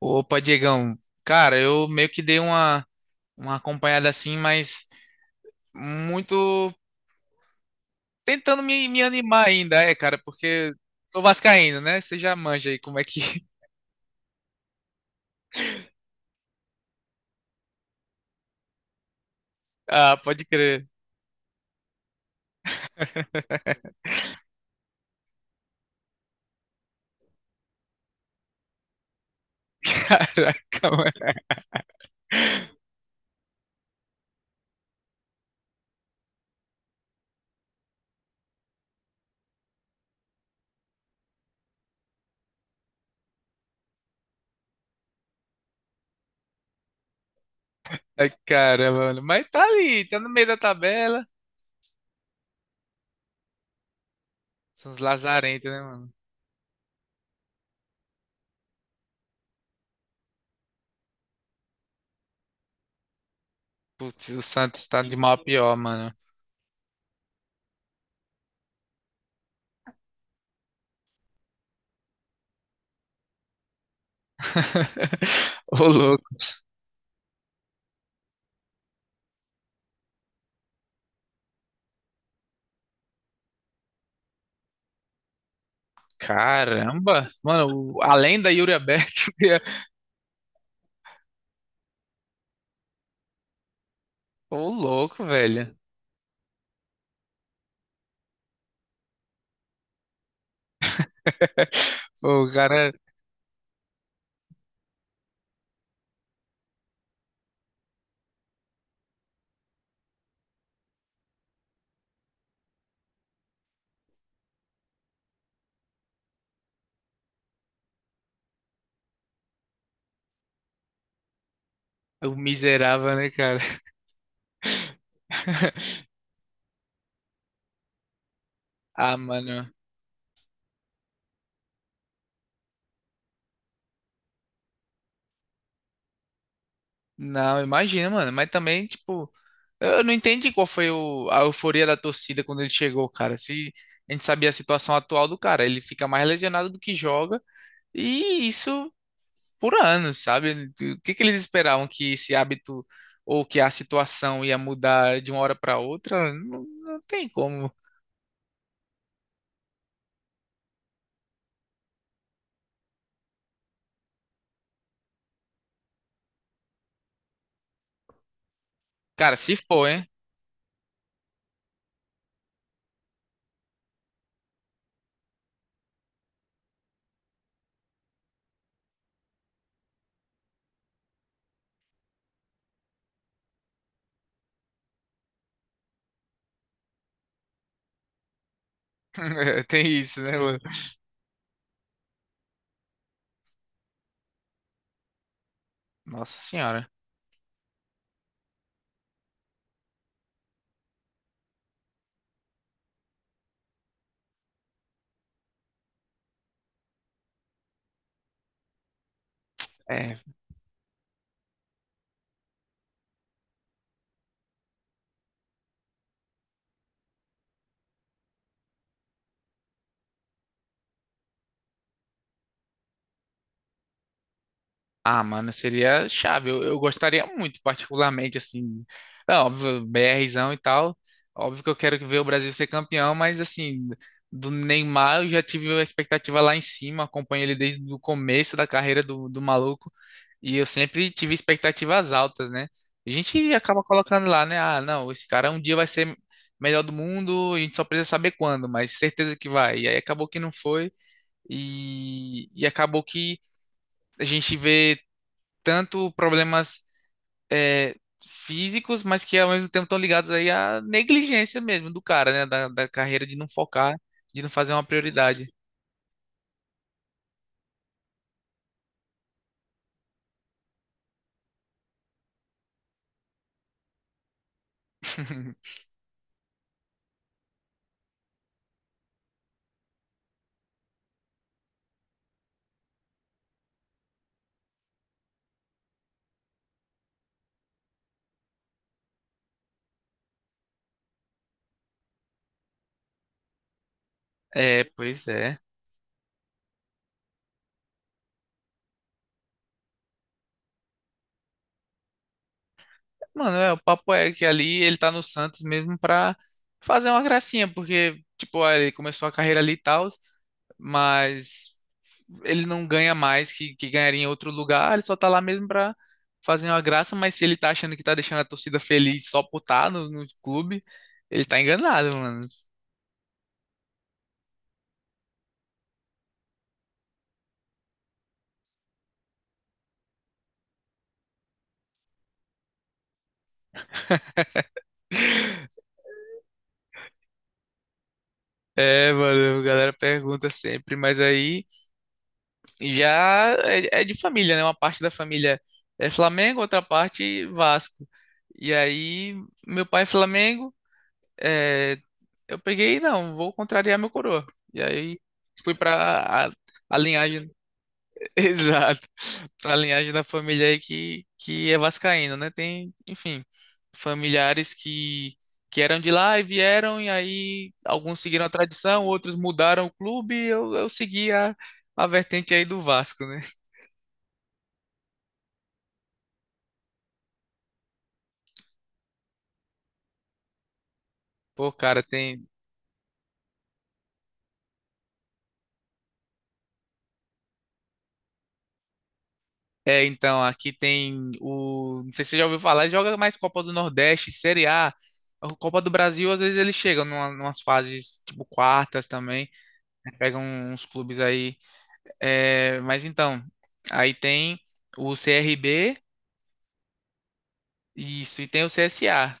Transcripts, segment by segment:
Opa, Diegão. Cara, eu meio que dei uma acompanhada assim, mas muito tentando me animar ainda, é, cara, porque sou vascaíno, né? Você já manja aí como é que. Ah, pode crer. Caraca, mano. Ai, caramba, mano. Mas tá ali, tá no meio da tabela. São os lazarentos, né, mano? Putz, o Santos tá de mal a pior, mano. Ô, louco. Caramba. Mano, além da Yuri Alberto. Ô, louco, velho. Pô, o cara, o miserável, né, cara? Ah, mano. Não, imagina, mano. Mas também, tipo, eu não entendi qual foi a euforia da torcida quando ele chegou, cara. Se a gente sabia a situação atual do cara, ele fica mais lesionado do que joga, e isso por anos, sabe? O que que eles esperavam que esse hábito ou que a situação ia mudar de uma hora pra outra? Não, não tem como. Cara, se for, hein? Tem isso, né, mano? Nossa senhora. É, ah, mano, seria chave. Eu gostaria muito, particularmente, assim. É óbvio, BRzão e tal. Óbvio que eu quero ver o Brasil ser campeão, mas, assim, do Neymar eu já tive a expectativa lá em cima. Acompanho ele desde o começo da carreira do maluco. E eu sempre tive expectativas altas, né? A gente acaba colocando lá, né? Ah, não, esse cara um dia vai ser melhor do mundo, a gente só precisa saber quando, mas certeza que vai. E aí acabou que não foi. E acabou que a gente vê tanto problemas é, físicos, mas que ao mesmo tempo estão ligados aí à negligência mesmo do cara, né? Da carreira de não focar, de não fazer uma prioridade. É, pois é. Mano, é, o papo é que ali ele tá no Santos mesmo pra fazer uma gracinha, porque, tipo, ah, ele começou a carreira ali e tal, mas ele não ganha mais que ganharia em outro lugar, ele só tá lá mesmo pra fazer uma graça, mas se ele tá achando que tá deixando a torcida feliz só por tá no clube, ele tá enganado, mano. É, mano, a galera pergunta sempre, mas aí já é de família, né? Uma parte da família é Flamengo, outra parte Vasco. E aí, meu pai é Flamengo, é, eu peguei, não, vou contrariar meu coroa. E aí fui pra a linhagem. Exato. A linhagem da família aí que é vascaína, né? Tem, enfim, familiares que eram de lá e vieram, e aí alguns seguiram a tradição, outros mudaram o clube, e eu segui a vertente aí do Vasco, né? Pô, cara, tem. É, então, aqui tem o. Não sei se você já ouviu falar, joga mais Copa do Nordeste, Série A. A Copa do Brasil, às vezes eles chegam numas fases, tipo, quartas também. Né? Pegam uns clubes aí. É, mas então, aí tem o CRB, isso, e tem o CSA,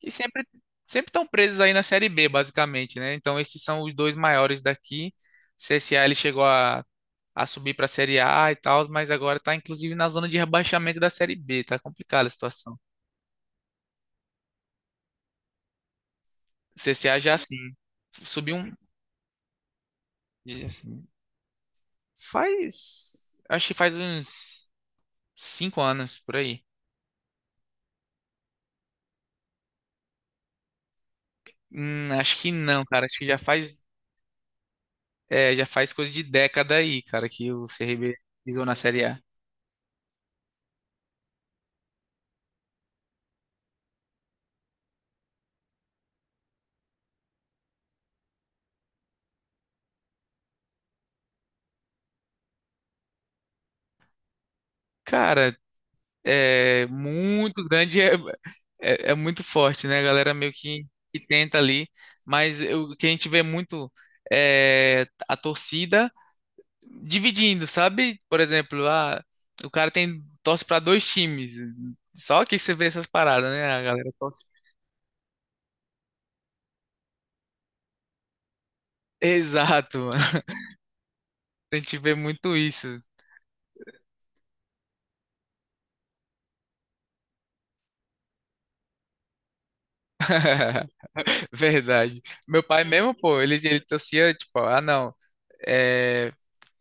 que sempre estão presos aí na Série B, basicamente, né? Então, esses são os dois maiores daqui. O CSA ele chegou a subir para a Série A e tal, mas agora está inclusive na zona de rebaixamento da Série B, tá complicada a situação. O CSA já assim, subiu um. Assim, faz. Acho que faz uns 5 anos por aí. Acho que não, cara. Acho que já faz. É, já faz coisa de década aí, cara, que o CRB pisou na Série A. Cara, é muito grande, é muito forte, né? A galera meio que tenta ali, mas o que a gente vê muito é a torcida dividindo, sabe? Por exemplo, ah, o cara tem torce para dois times, só que você vê essas paradas, né? A galera torce. Exato, mano. A gente vê muito isso. Verdade. Meu pai mesmo, pô, ele torcia, tipo, ah, não, é,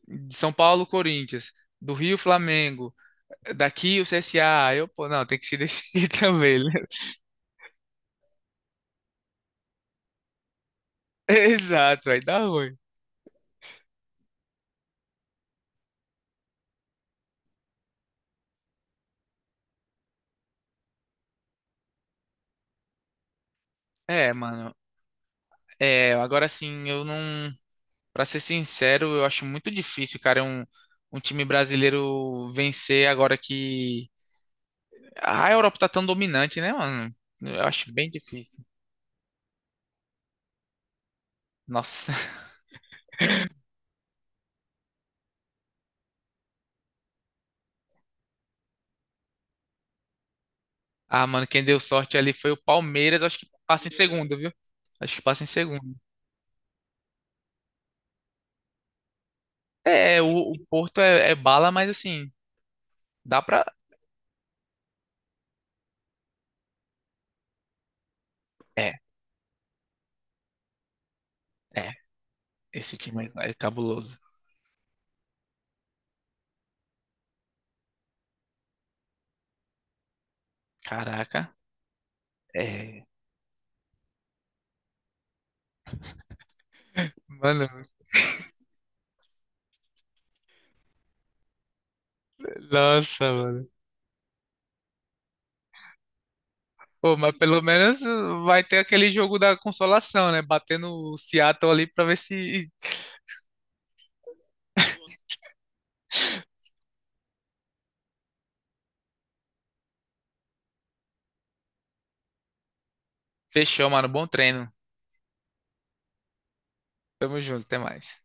de São Paulo, Corinthians, do Rio, Flamengo, daqui o CSA. Aí eu, pô, não, tem que se decidir, também, né? Exato, aí dá ruim. É, mano, agora sim, eu não, pra ser sincero, eu acho muito difícil, cara, um time brasileiro vencer agora que ah, a Europa tá tão dominante, né, mano? Eu acho bem difícil. Nossa. Ah, mano, quem deu sorte ali foi o Palmeiras. Acho que passa em segundo, viu? Acho que passa em segundo. É, é, o Porto é bala, mas assim, dá pra. É, é. Esse time é cabuloso. Caraca. É. Mano, nossa, mano. Pô, mas pelo menos vai ter aquele jogo da consolação, né? Batendo o Seattle ali pra ver se. Fechou, mano. Bom treino. Tamo junto, até mais.